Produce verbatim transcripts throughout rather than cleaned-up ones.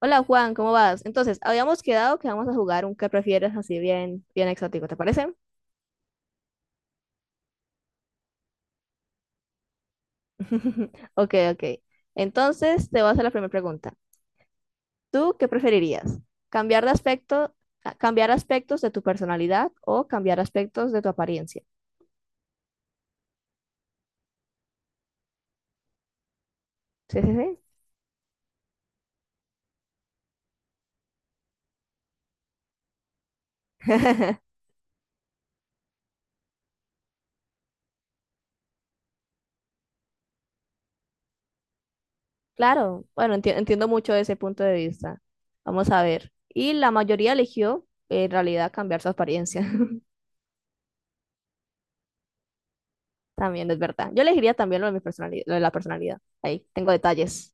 Hola Juan, ¿cómo vas? Entonces, habíamos quedado que vamos a jugar un que prefieres así bien, bien exótico, ¿te parece? Ok, ok. Entonces, te voy a hacer la primera pregunta. ¿Tú qué preferirías? ¿Cambiar de aspecto, a- cambiar aspectos de tu personalidad o cambiar aspectos de tu apariencia? Sí, sí, sí. Claro, bueno, enti- entiendo mucho ese punto de vista. Vamos a ver. Y la mayoría eligió eh, en realidad cambiar su apariencia. También es verdad. Yo elegiría también lo de mi personalidad, lo de la personalidad. Ahí tengo detalles.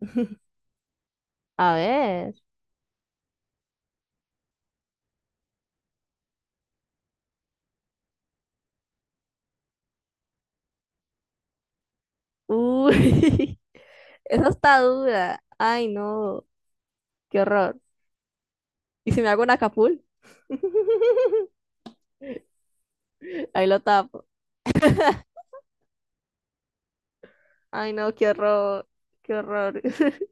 A ver. Uy, eso está dura. Ay, no, qué horror. ¿Y si me hago un acapul? Ahí lo tapo. Ay, no, qué horror, qué horror.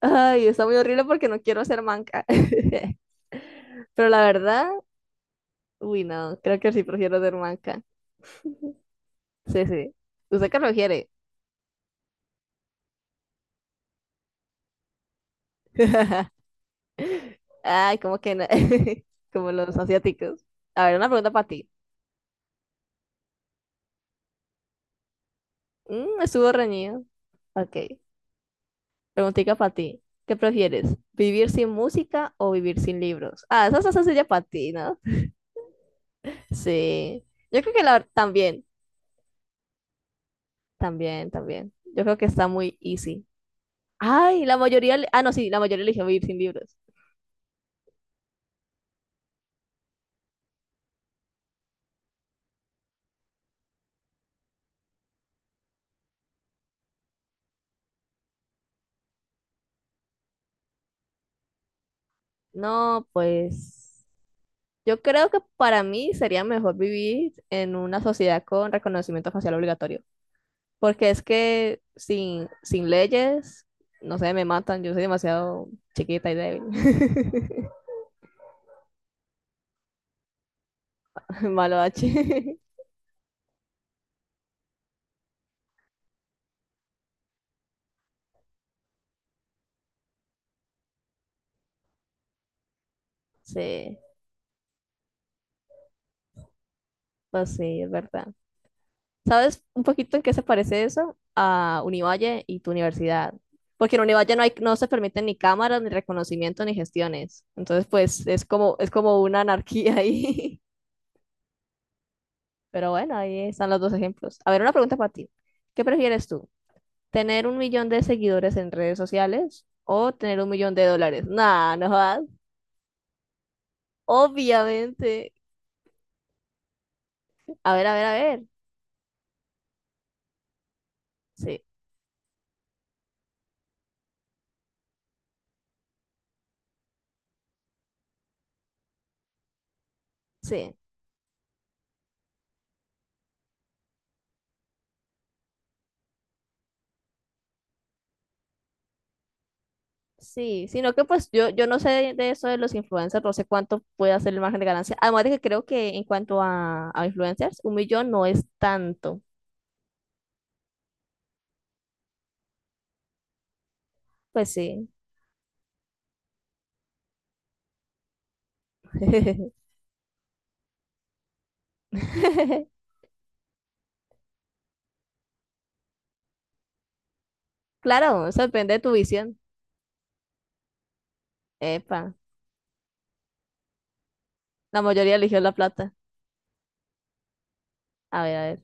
Ay, está muy horrible porque no quiero ser manca. Pero la verdad, uy, no, creo que sí prefiero ser manca. Sí, sí. ¿Usted qué prefiere? Ay, como que no. Como los asiáticos. A ver, una pregunta para ti. Mm, estuvo reñido. Ok. Preguntica para ti. ¿Qué prefieres? ¿Vivir sin música o vivir sin libros? Ah, esa es sencilla para ti, ¿no? Sí. Yo creo que la también, también, también. Yo creo que está muy easy. Ay, la mayoría, le- ah, no, sí, la mayoría eligió vivir sin libros. No, pues yo creo que para mí sería mejor vivir en una sociedad con reconocimiento facial obligatorio. Porque es que sin, sin leyes, no sé, me matan. Yo soy demasiado chiquita y débil. Malo H. Sí, pues sí, es verdad. ¿Sabes un poquito en qué se parece eso a Univalle y tu universidad? Porque en Univalle no, hay, no se permiten ni cámaras, ni reconocimiento, ni gestiones. Entonces, pues es como, es como una anarquía ahí. Pero bueno, ahí están los dos ejemplos. A ver, una pregunta para ti. ¿Qué prefieres tú? Tener un millón de seguidores en redes sociales o tener un millón de dólares. Nah, no jodas. Obviamente. A ver, a ver, a ver. Sí, sí, sí. Sino que pues yo, yo, no sé de de eso de los influencers, no sé cuánto puede hacer el margen de ganancia. Además de que creo que en cuanto a, a influencers, un millón no es tanto. Pues sí. Claro, eso depende de tu visión. Epa, la mayoría eligió la plata. A ver, a ver.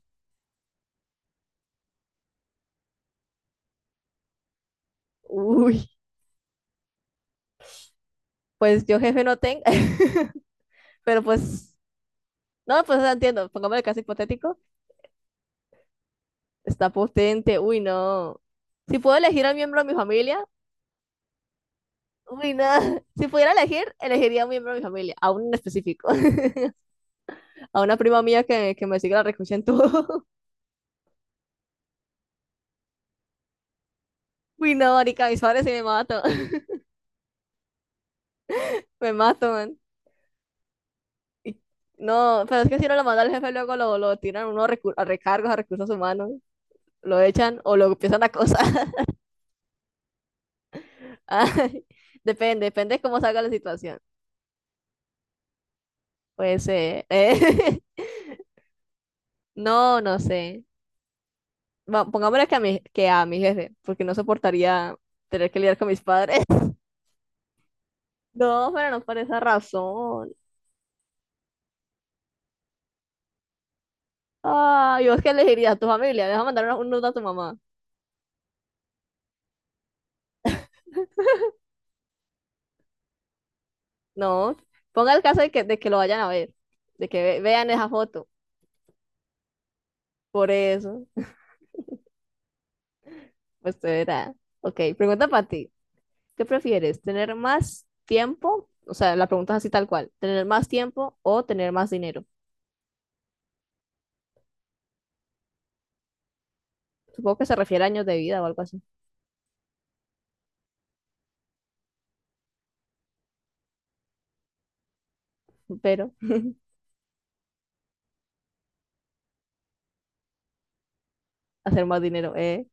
Uy, pues yo jefe no tengo, pero pues no, pues no entiendo. Pongamos el caso hipotético. Está potente. Uy, no. Si puedo elegir a un miembro de mi familia, uy, no. Si pudiera elegir, elegiría a un miembro de mi familia, a un en específico. A una prima mía que, que me sigue la recocha en todo. Uy, no, marica, mis padres sí me matan. Me matan. Y, no, pero es que si no lo manda al jefe, luego lo, lo, tiran uno a, recu- a recargos, a recursos humanos. Lo echan o lo empiezan a acosar. Ay, depende, depende de cómo salga la situación. Pues, eh, eh, no, no sé. Va- pongámosle que a mi, que a mi jefe, porque no soportaría tener que lidiar con mis padres. No, pero no por esa razón. Ah, yo es que le diría a tu familia, deja mandar una- un nudo a tu mamá. No, ponga el caso de que, de que lo vayan a ver, de que ve- vean esa foto. Por eso, pues te verá. Ok, pregunta para ti. ¿Qué prefieres? ¿Tener más tiempo? O sea, la pregunta es así tal cual. ¿Tener más tiempo o tener más dinero? Supongo que se refiere a años de vida o algo así. Pero hacer más dinero, ¿eh?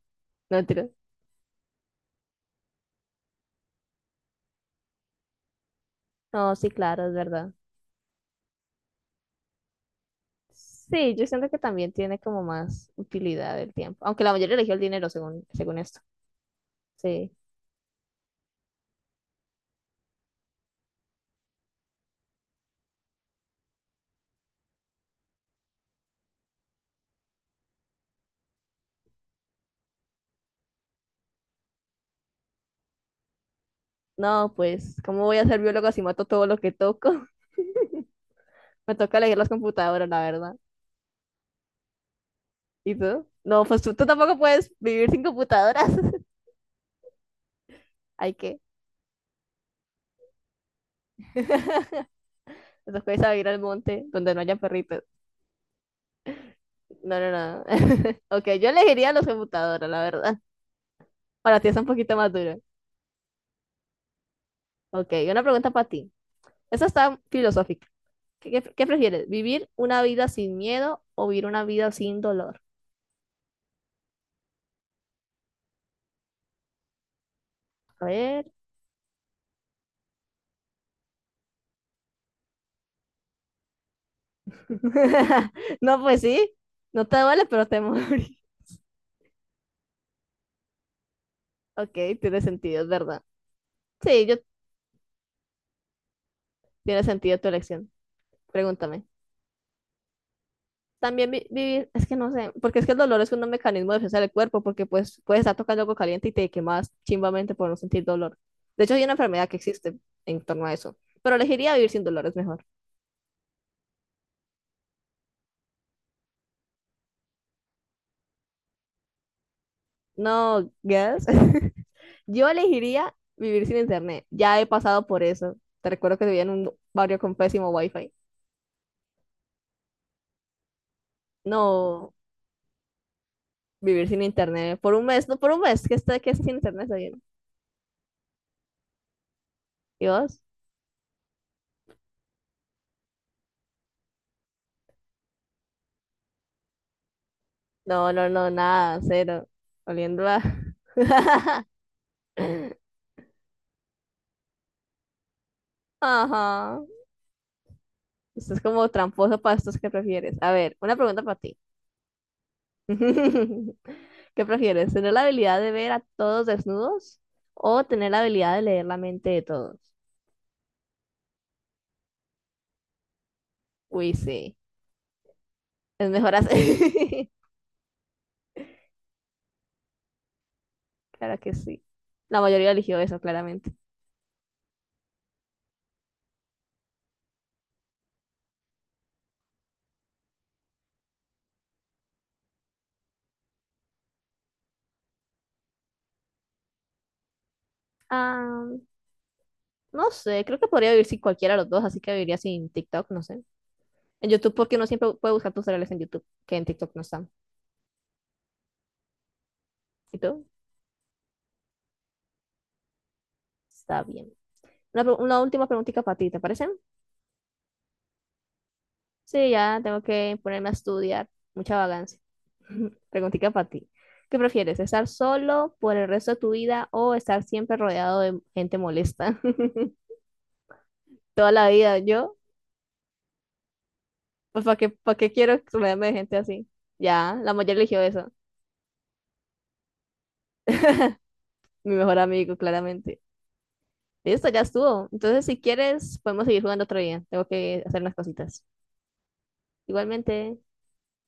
No, mentira. No, sí, claro, es verdad. Sí, yo siento que también tiene como más utilidad el tiempo, aunque la mayoría eligió el dinero según, según esto. Sí. No, pues, ¿cómo voy a ser biólogo si mato todo lo que toco? Me toca elegir las computadoras, la verdad. ¿Y tú? No, pues tú, tú tampoco puedes vivir sin computadoras. Hay que. Nos puedes a ir al monte donde no haya perritos. No, no, no. Ok, yo elegiría las computadoras, la verdad. Para ti es un poquito más duro. Ok, una pregunta para ti. Esta está filosófica. ¿Qué, qué prefieres? ¿Vivir una vida sin miedo o vivir una vida sin dolor? A ver. No, pues sí. No te duele, pero te morís. Ok, tiene sentido, es verdad. Sí, yo tiene sentido tu elección. Pregúntame. También vi- vivir, es que no sé, porque es que el dolor es un mecanismo de defensa del cuerpo, porque pues puedes estar tocando algo caliente y te quemas chimbamente por no sentir dolor. De hecho, hay una enfermedad que existe en torno a eso, pero elegiría vivir sin dolor, es mejor. No, guess. Yo elegiría vivir sin internet. Ya he pasado por eso. Te recuerdo que vivía en un barrio con pésimo wifi. No, vivir sin internet. Por un mes, no, por un mes que estoy, que estoy sin internet, está bien. ¿Y vos? No, no, no, nada, cero. Oliendo a... Ajá. Esto es como tramposo para estos que prefieres. A ver, una pregunta para ti. ¿Qué prefieres? ¿Tener la habilidad de ver a todos desnudos o tener la habilidad de leer la mente de todos? Uy, sí. Es mejor hacer. Claro que sí. La mayoría eligió eso, claramente. Ah, no sé, creo que podría vivir sin cualquiera de los dos, así que viviría sin TikTok, no sé. En YouTube, porque uno siempre puede buscar tus reales en YouTube, que en TikTok no están. ¿Y tú? Está bien. Una, pre- una última preguntita para ti, ¿te parece? Sí, ya tengo que ponerme a estudiar. Mucha vagancia. Preguntita para ti. ¿Qué prefieres? ¿Estar solo por el resto de tu vida o estar siempre rodeado de gente molesta? Toda la vida, yo. Pues para qué, para qué quiero rodearme de gente así. Ya, la mujer eligió eso. Mi mejor amigo, claramente. Listo, ya estuvo. Entonces, si quieres, podemos seguir jugando otro día. Tengo que hacer unas cositas. Igualmente.